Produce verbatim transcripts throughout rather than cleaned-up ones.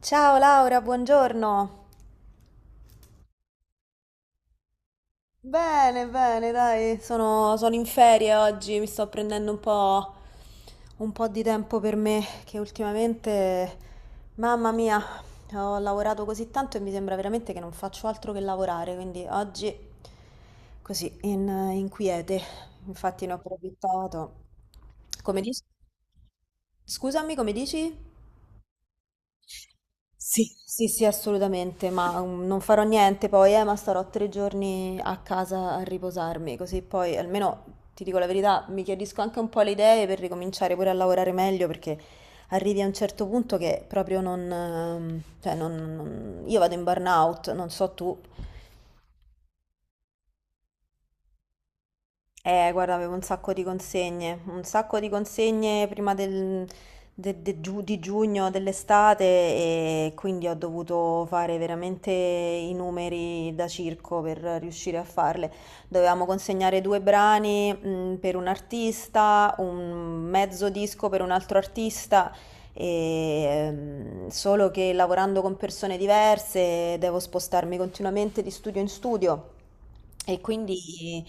Ciao Laura, buongiorno. Bene, bene, dai, sono, sono in ferie oggi, mi sto prendendo un po', un po' di tempo per me, che ultimamente, mamma mia, ho lavorato così tanto e mi sembra veramente che non faccio altro che lavorare, quindi oggi così, in, in quiete, infatti ne ho approfittato. Come dici? Scusami, come dici? Sì, sì, sì, assolutamente, ma um, non farò niente poi, eh, ma starò tre giorni a casa a riposarmi, così poi almeno ti dico la verità, mi chiarisco anche un po' le idee per ricominciare pure a lavorare meglio, perché arrivi a un certo punto che proprio non, ehm, cioè non, non- io vado in burnout, non so tu. Eh, guarda, avevo un sacco di consegne, un sacco di consegne prima del- de- de giu- di giugno, dell'estate e quindi ho dovuto fare veramente i numeri da circo per riuscire a farle. Dovevamo consegnare due brani, mh, per un artista, un mezzo disco per un altro artista e, ehm, solo che lavorando con persone diverse devo spostarmi continuamente di studio in studio e quindi,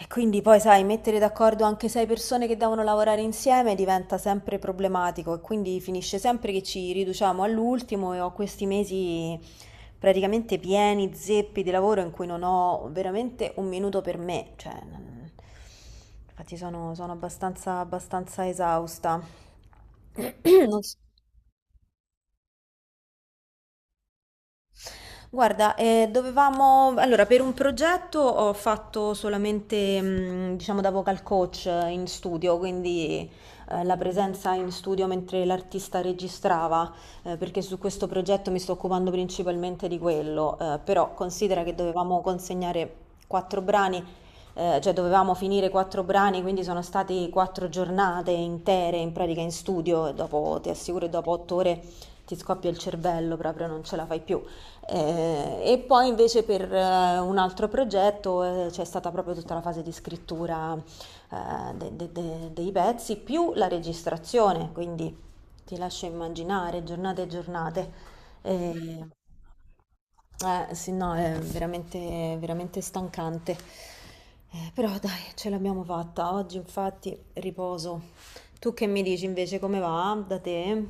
e quindi poi, sai, mettere d'accordo anche sei persone che devono lavorare insieme diventa sempre problematico e quindi finisce sempre che ci riduciamo all'ultimo e ho questi mesi praticamente pieni, zeppi di lavoro in cui non ho veramente un minuto per me, cioè, non- infatti sono, sono abbastanza, abbastanza esausta. Non so. Guarda, eh, dovevamo, allora per un progetto ho fatto solamente, mh, diciamo, da vocal coach eh, in studio, quindi eh, la presenza in studio mentre l'artista registrava, eh, perché su questo progetto mi sto occupando principalmente di quello, eh, però considera che dovevamo consegnare quattro brani, eh, cioè dovevamo finire quattro brani, quindi sono state quattro giornate intere in pratica in studio e dopo, ti assicuro, dopo otto ore ti scoppia il cervello, proprio non ce la fai più. Eh, e poi invece per eh, un altro progetto eh, c'è stata proprio tutta la fase di scrittura eh, de- de- de- dei pezzi più la registrazione, quindi ti lascio immaginare giornate e giornate. Eh, eh, sì, no, è veramente, veramente stancante. Eh, però dai, ce l'abbiamo fatta. Oggi infatti riposo. Tu che mi dici invece come va da te?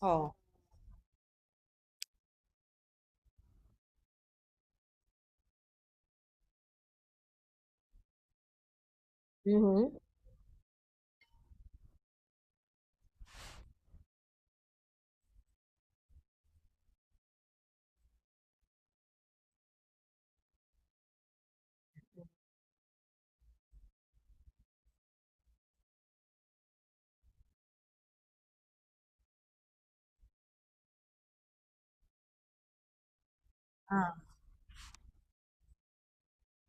Oh. Mhm. Ah.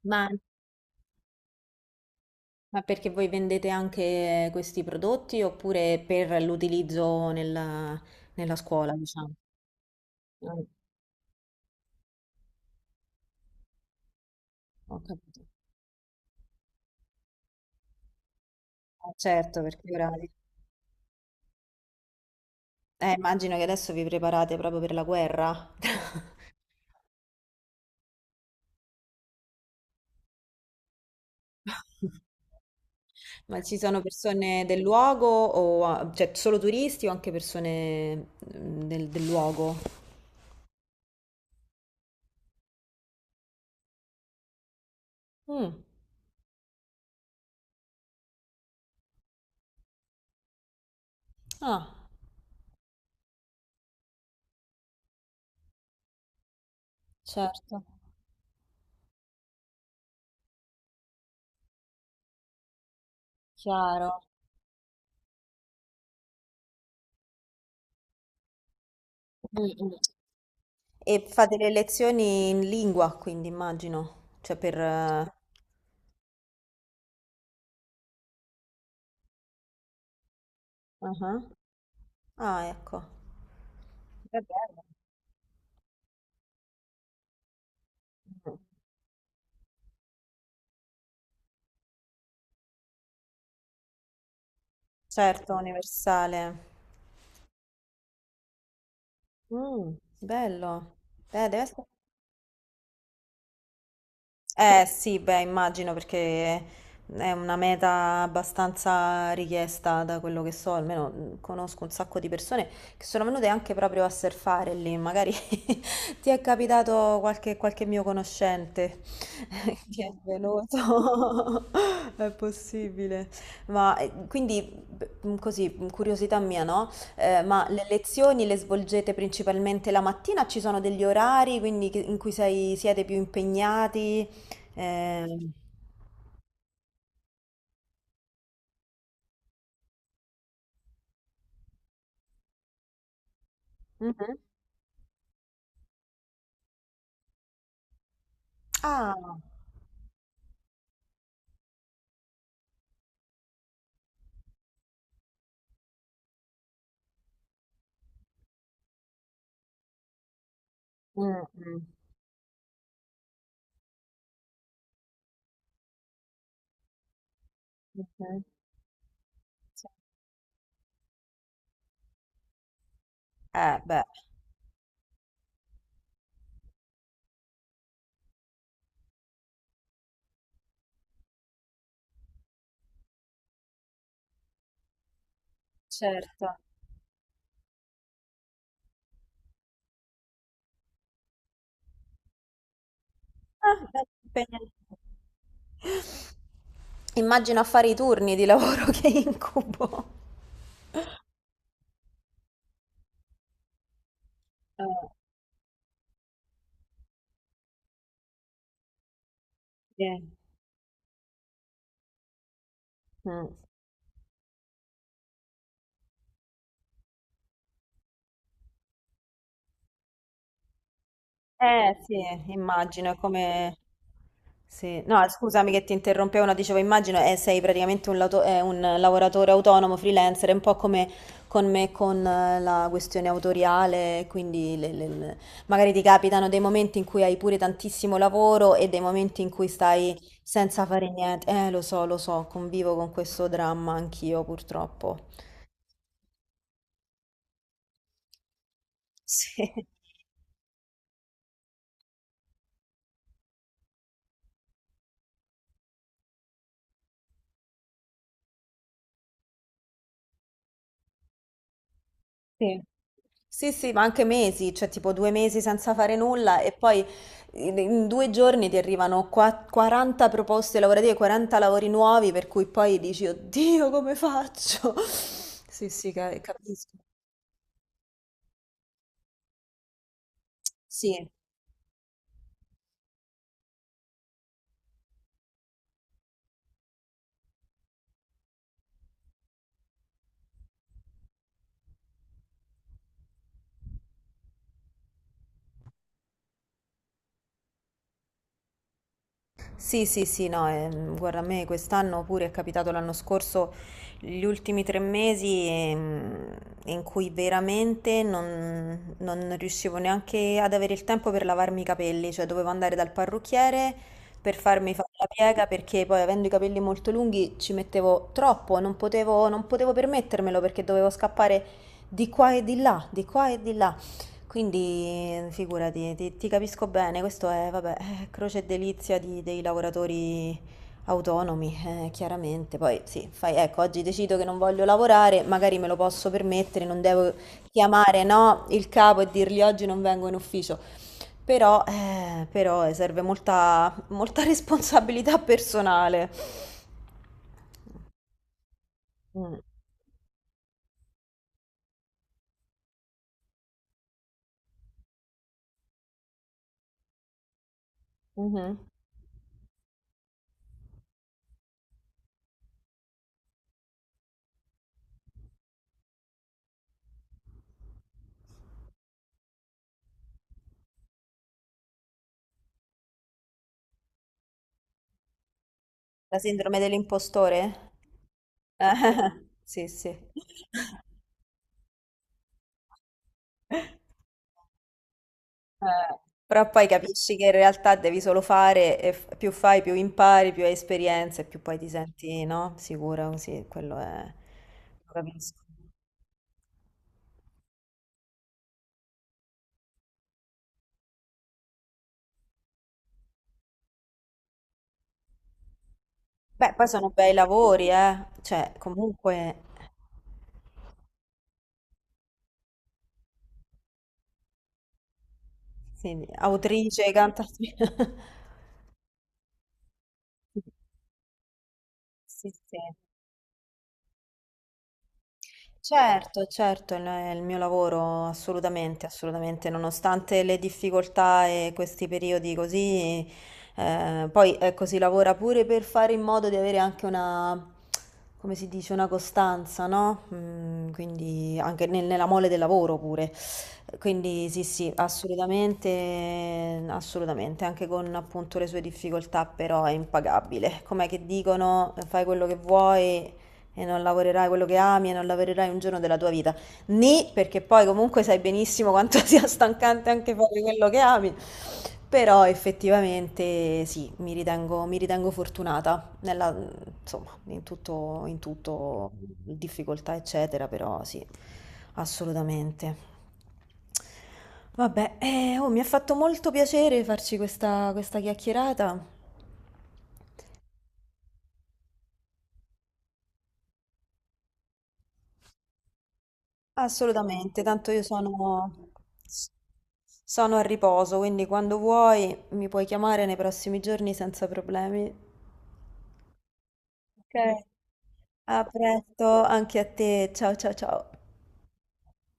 Ma Ma perché voi vendete anche questi prodotti oppure per l'utilizzo nella, nella scuola, diciamo? Ah. Ho capito. Ah, certo, perché ora. Eh, immagino che adesso vi preparate proprio per la guerra. Ma ci sono persone del luogo o ah, cioè solo turisti o anche persone mm, del, del luogo? Mm. Ah, certo, chiaro. Mm, mm. E fate le lezioni in lingua, quindi immagino, cioè per. Eh, Ah, ah, ecco. È bello. Mm. Certo, universale. Mm, bello. Beh, deve essere. Eh sì, beh, immagino perché è una meta abbastanza richiesta da quello che so, almeno mh, conosco un sacco di persone che sono venute anche proprio a surfare lì, magari ti è capitato qualche, qualche mio conoscente che è venuto. È possibile. Ma eh, quindi, b- mh, così, mh, curiosità mia, no? Eh, ma le lezioni le svolgete principalmente la mattina? Ci sono degli orari quindi, che- in cui sei- siete più impegnati? Ehm, mhm. Ah, mm, mm, mhm. Sì. Eh, beh, certo. Ah, beh, impegnativo. Immagino a fare i turni di lavoro che incubo. Eh, sì. Mm. Eh sì, immagino è come. Sì. No, scusami che ti interrompevo, no, dicevo immagino eh, sei praticamente un, lato- eh, un lavoratore autonomo, freelancer, è un po' come con me con eh, la questione autoriale, quindi le- le- le- magari ti capitano dei momenti in cui hai pure tantissimo lavoro e dei momenti in cui stai senza fare niente. Eh, lo so, lo so, convivo con questo dramma anch'io purtroppo. Sì, sì. Sì, sì, ma anche mesi, cioè tipo due mesi senza fare nulla e poi in in due giorni ti arrivano qua- quaranta proposte lavorative, quaranta lavori nuovi, per cui poi dici, oddio, come faccio? Sì, sì, ca- capisco. Sì. Sì, sì, sì, no, ehm, guarda, a me quest'anno pure è capitato l'anno scorso, gli ultimi tre mesi ehm, in cui veramente non, non riuscivo neanche ad avere il tempo per lavarmi i capelli, cioè dovevo andare dal parrucchiere per farmi fare la piega perché poi avendo i capelli molto lunghi ci mettevo troppo, non potevo, non potevo permettermelo perché dovevo scappare di qua e di là, di qua e di là. Quindi figurati, ti, ti capisco bene, questo è, vabbè, eh, croce e delizia di- dei lavoratori autonomi, eh, chiaramente. Poi sì, fai, ecco, oggi decido che non voglio lavorare, magari me lo posso permettere, non devo chiamare, no, il capo e dirgli oggi non vengo in ufficio. Però, eh, però eh, serve molta, molta responsabilità personale. Mm, mhm. La sindrome dell'impostore? Eh, sì, sì. Eh, Però poi capisci che in realtà devi solo fare, e f- più fai, più impari, più hai esperienze, più poi ti senti, no? Sicura, così, quello è. Lo capisco. Beh, poi sono bei lavori, eh? Cioè, comunque, sì, autrice, cantatrice. Sì, sì. Certo, certo, il è il mio lavoro, assolutamente, assolutamente, nonostante le difficoltà e questi periodi così, eh, poi ecco, si lavora pure per fare in modo di avere anche una, come si dice, una costanza, no? Mm, quindi anche nel- nella mole del lavoro pure. Quindi sì, sì, assolutamente, assolutamente, anche con appunto le sue difficoltà, però è impagabile. Com'è che dicono, fai quello che vuoi e non lavorerai quello che ami e non lavorerai un giorno della tua vita. Ni, perché poi comunque sai benissimo quanto sia stancante anche fare quello che ami. Però effettivamente sì, mi ritengo, mi ritengo fortunata nella, insomma, in tutto, in tutto, difficoltà, eccetera, però sì, assolutamente. Vabbè, eh, oh, mi ha fatto molto piacere farci questa, questa chiacchierata. Assolutamente, tanto io sono, sono a riposo, quindi quando vuoi mi puoi chiamare nei prossimi giorni senza problemi. Ok. A presto, anche a te. Ciao ciao ciao.